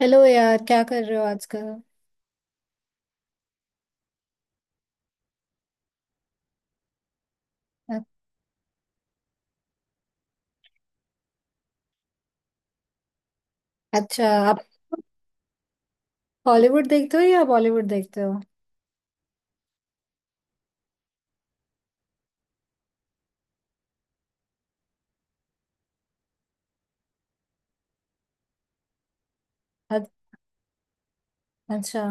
Hello यार, क्या कर रहे हो आजकल? अ- अच्छा, आप हॉलीवुड देखते हो या बॉलीवुड देखते हो? अ- अच्छा।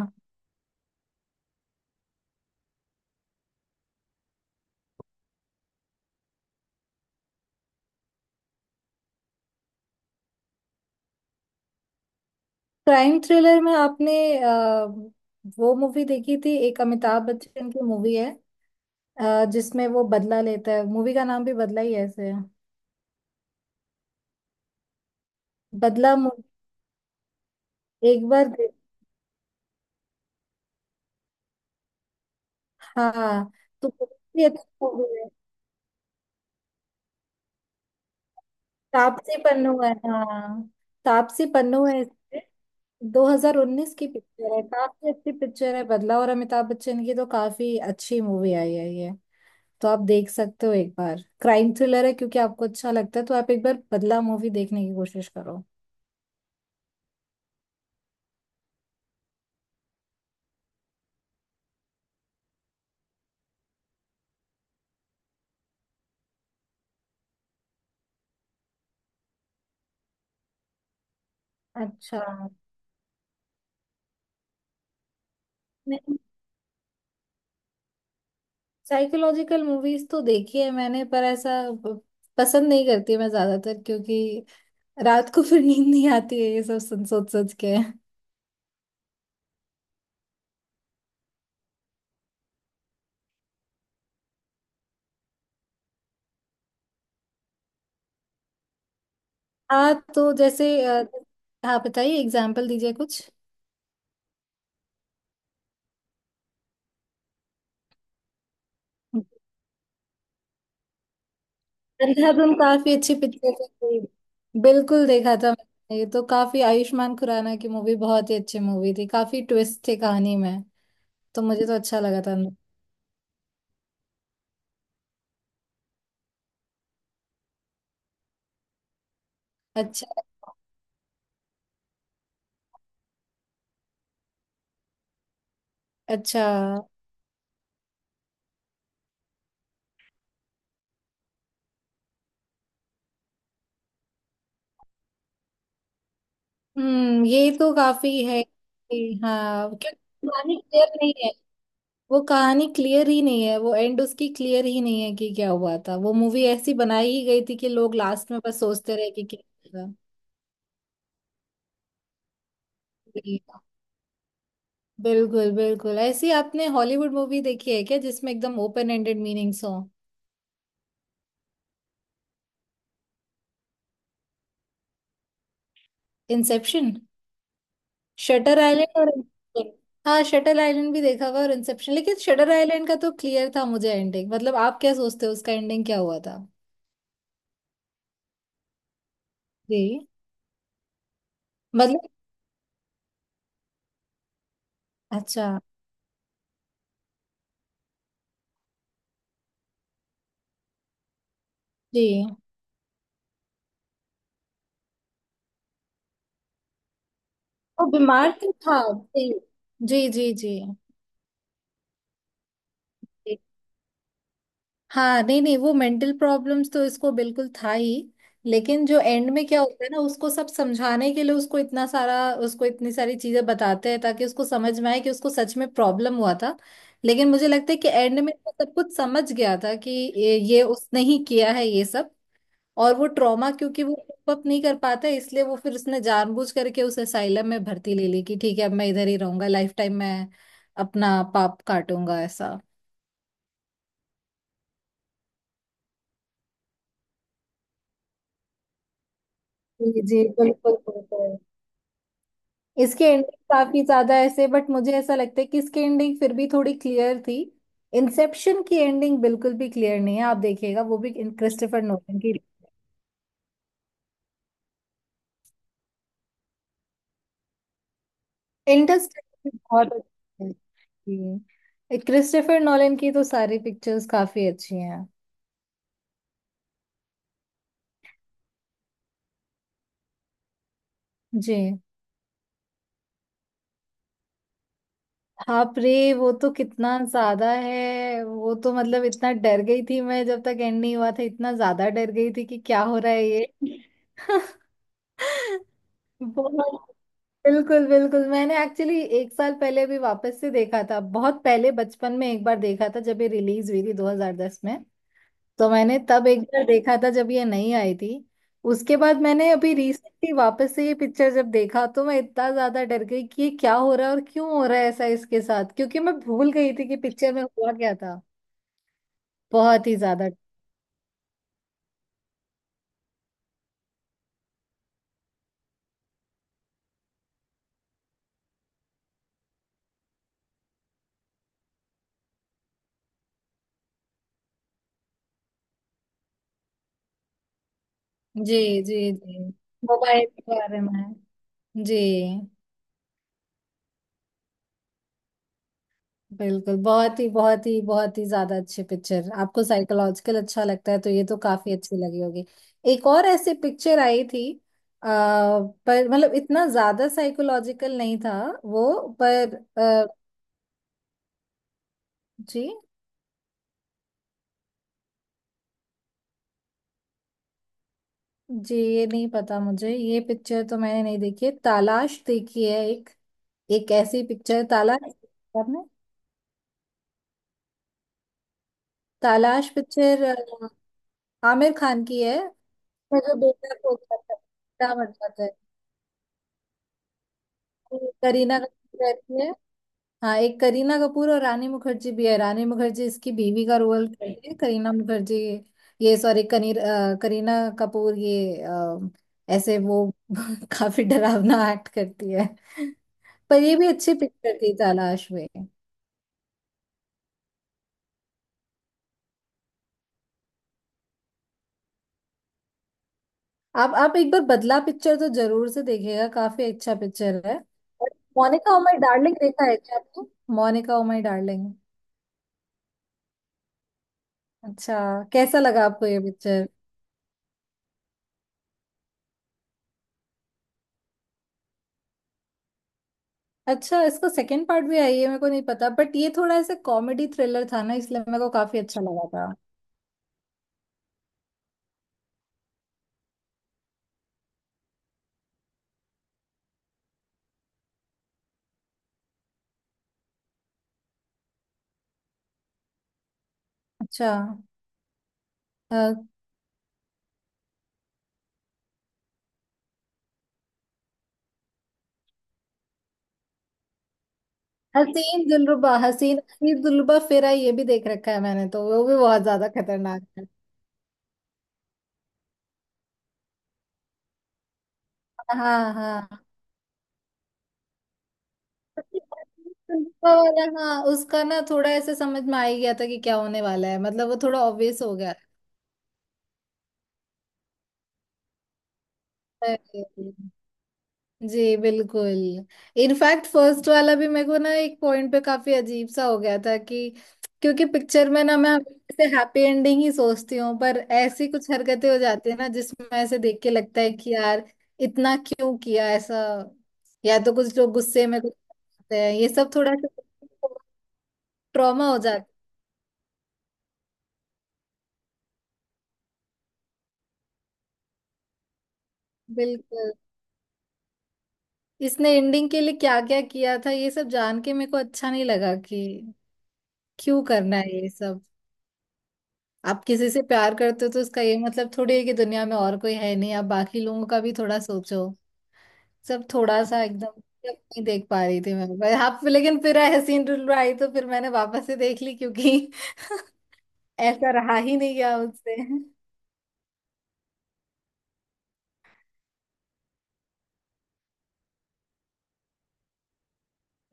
क्राइम थ्रिलर में आपने अ, वो मूवी देखी थी? एक अमिताभ बच्चन की मूवी है, जिसमें वो बदला लेता है। मूवी का नाम भी बदला ही ऐसे है। बदला मु- एक बार दे- हाँ, तो बहुत ही अच्छी movie है। तापसी पन्नू है, हाँ। तापसी पन्नू है इसमें। 2019 की पिक्चर है, काफी अच्छी पिक्चर है बदला, और अमिताभ बच्चन की तो काफी अच्छी मूवी आई है ये। तो आप देख सकते हो एक बार, क्राइम थ्रिलर है, क्योंकि आपको अच्छा लगता है तो आप एक बार बदला मूवी देखने की कोशिश करो। अच्छा। नहीं, साइकोलॉजिकल मूवीज तो देखी है मैंने, पर ऐसा प- पसंद नहीं करती मैं ज्यादातर, क्योंकि रात को फिर नींद नहीं आती है ये सब सुन सोच सोच के। हाँ, तो जैसे हाँ, बताइए एग्जाम्पल दीजिए कुछ। अंधाधुन काफी अच्छी पिक्चर थी। बिल्कुल देखा था मैंने ये तो, काफी आयुष्मान खुराना की मूवी बहुत ही अच्छी मूवी थी, काफी ट्विस्ट थे कहानी में। तो मुझे तो अच्छा लगा था। अच्छा। अच्छा। ये तो काफी है कि हाँ, क्योंकि कहानी क्लियर नहीं है। वो कहानी क्लियर ही नहीं है, वो एंड उसकी क्लियर ही नहीं है कि क्या हुआ था। वो मूवी ऐसी बनाई ही गई थी कि लोग लास्ट में बस सोचते रहे कि क्या हुआ था। बिल्कुल बिल्कुल। ऐसी आपने हॉलीवुड मूवी देखी है क्या जिसमें एकदम ओपन एंडेड मीनिंग्स हो? इंसेप्शन। शटर आइलैंड और Inception। हाँ, शटर आइलैंड भी देखा हुआ और इंसेप्शन, लेकिन शटर आइलैंड का तो क्लियर था मुझे एंडिंग। मतलब आप क्या सोचते हो उसका एंडिंग क्या हुआ था? जी। मतलब। अच्छा। जी। वो बीमार तो था। जी। जी जी। जी। हाँ, नहीं नहीं, वो मेंटल प्रॉब्लम्स तो इसको बिल्कुल था ही। लेकिन जो एंड में क्या होता है ना, उसको सब समझाने के लिए उसको इतना सारा, उसको इतनी सारी चीजें बताते हैं ताकि उसको समझ में आए कि उसको सच में प्रॉब्लम हुआ था। लेकिन मुझे लगता है कि एंड में वो सब कुछ समझ गया था कि ये उसने ही किया है ये सब। और वो ट्रॉमा, क्योंकि वो अप नहीं कर पाता है, इसलिए वो फिर उसने जानबूझ करके उस असाइलम में भर्ती ले ली कि ठीक है, अब मैं इधर ही रहूंगा, लाइफ टाइम मैं अपना पाप काटूंगा ऐसा। जी जी, बिल्कुल बिल्कुल। इसकी एंडिंग काफी ज्यादा ऐसे, बट मुझे ऐसा लगता है कि इसकी एंडिंग फिर भी थोड़ी क्लियर थी। इंसेप्शन की एंडिंग बिल्कुल भी क्लियर नहीं है, आप देखिएगा वो भी, क्रिस्टोफर नोलन की। इंटरस्टेलर बहुत अच्छी थी। क्रिस्टोफर नोलन की तो सारी पिक्चर्स काफी अच्छी हैं। जी। बाप रे, वो तो कितना ज्यादा है। वो तो मतलब इतना डर गई थी मैं, जब तक एंड नहीं हुआ था इतना ज्यादा डर गई थी कि क्या हो रहा है ये। बहुत। बिल्कुल बिल्कुल, मैंने एक्चुअली एक साल पहले भी वापस से देखा था। बहुत पहले बचपन में एक बार देखा था जब ये रिलीज हुई थी 2010 में। तो मैंने तब एक बार देखा था जब ये नहीं आई थी। उसके बाद मैंने अभी रिसेंटली वापस से ये पिक्चर जब देखा, तो मैं इतना ज्यादा डर गई कि ये क्या हो रहा है और क्यों हो रहा है ऐसा इसके साथ, क्योंकि मैं भूल गई थी कि पिक्चर में हुआ क्या था। बहुत ही ज्यादा। जी जी। जी। मोबाइल के बारे में। जी। बिल्कुल, बहुत ही, बहुत ही, बहुत ही ज्यादा अच्छी पिक्चर। आपको साइकोलॉजिकल अच्छा लगता है तो ये तो काफी अच्छी लगी होगी। एक और ऐसी पिक्चर आई थी, पर मतलब इतना ज्यादा साइकोलॉजिकल नहीं था वो, पर। आ, जी। जी, ये नहीं पता मुझे, ये पिक्चर तो मैंने नहीं देखी है। तालाश देखी है, एक, एक ऐसी पिक्चर। तालाश देखी आपने? तालाश पिक्चर आमिर खान की है। उसमें जो बेटा खो गया था, बेटा मर जाता है। करीना कपूर रहती है। हाँ, एक करीना कपूर और रानी मुखर्जी भी है। रानी मुखर्जी इसकी बीवी का रोल जी। करती है करीना मुखर्जी, ये, सॉरी, कनीर, करीना कपूर ये ऐसे वो काफी डरावना एक्ट करती है। पर ये भी अच्छी पिक्चर थी, तलाश में। आप एक बार बदला पिक्चर तो जरूर से देखिएगा, काफी अच्छा पिक्चर है। और मोनिका ओ माय डार्लिंग देखा है क्या आपने? Monica O My Darling. अच्छा, कैसा लगा आपको ये पिक्चर? अच्छा, इसका सेकंड पार्ट भी आई है? मेरे को नहीं पता, बट ये थोड़ा ऐसे कॉमेडी थ्रिलर था ना, इसलिए मेरे को काफी अच्छा लगा था। अच्छा। अ, हसीन दिलरुबा। हसीन, हसीन दिलरुबा फिर आई, ये भी देख रखा है मैंने, तो वो भी बहुत ज्यादा खतरनाक है। हाँ हाँ, दिलरुबा वाला, हाँ, उसका ना थोड़ा ऐसे समझ में आ ही गया था कि क्या होने वाला है, मतलब वो थोड़ा ऑब्वियस हो गया। जी, बिल्कुल। इनफैक्ट फर्स्ट वाला भी मेरे को ना एक पॉइंट पे काफी अजीब सा हो गया था कि, क्योंकि पिक्चर में ना मैं हमेशा हैप्पी एंडिंग ही सोचती हूँ, पर ऐसी कुछ हरकतें हो जाती है ना जिसमें ऐसे देख के लगता है कि यार इतना क्यों किया ऐसा, या तो कुछ लोग गुस्से में कुछ करते हैं ये सब थोड़ा सा ट्रॉमा हो जाता है। बिल्कुल। इसने एंडिंग के लिए क्या क्या किया था ये सब जान के मेरे को अच्छा नहीं लगा कि क्यों करना है ये सब। आप किसी से प्यार करते हो तो उसका ये मतलब थोड़ी है कि दुनिया में और कोई है नहीं, आप बाकी लोगों का भी थोड़ा सोचो। सब थोड़ा सा एकदम, मतलब नहीं देख पा रही थी मैं पर आप, लेकिन फिर हसीन रुल आई तो फिर मैंने वापस से देख ली क्योंकि ऐसा रहा ही नहीं गया उससे।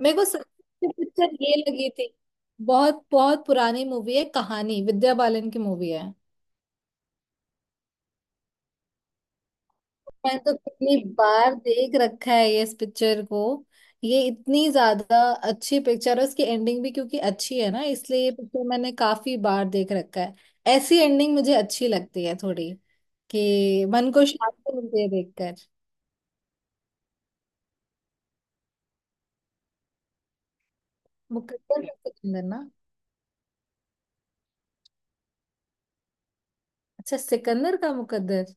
मेरे को सबसे पिक्चर ये लगी थी, बहुत बहुत पुरानी मूवी है, कहानी, विद्या बालन की मूवी है। मैंने तो कितनी बार देख रखा है ये, इस पिक्चर को। ये इतनी ज्यादा अच्छी पिक्चर है, उसकी एंडिंग भी क्योंकि अच्छी है ना, इसलिए ये पिक्चर मैंने काफी बार देख रखा है। ऐसी एंडिंग मुझे अच्छी लगती है थोड़ी, कि मन को शांति मिलती है देखकर। मुकद्दर का सिकंदर ना? अच्छा, सिकंदर का मुकद्दर।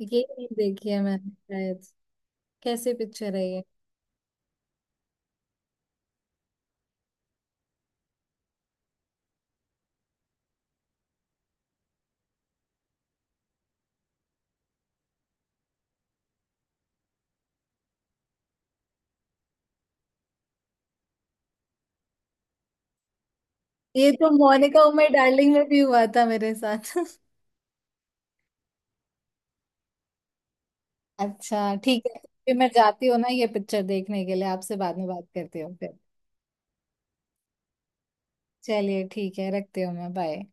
ये नहीं देखी है मैंने शायद, कैसे पिक्चर है ये? ये तो मोनिका उमर डार्लिंग में भी हुआ था मेरे साथ। अच्छा, ठीक है। फिर मैं जाती हूँ ना ये पिक्चर देखने के लिए, आपसे बाद में बात करती हूँ फिर। चलिए, ठीक है, रखती हूँ मैं, बाय।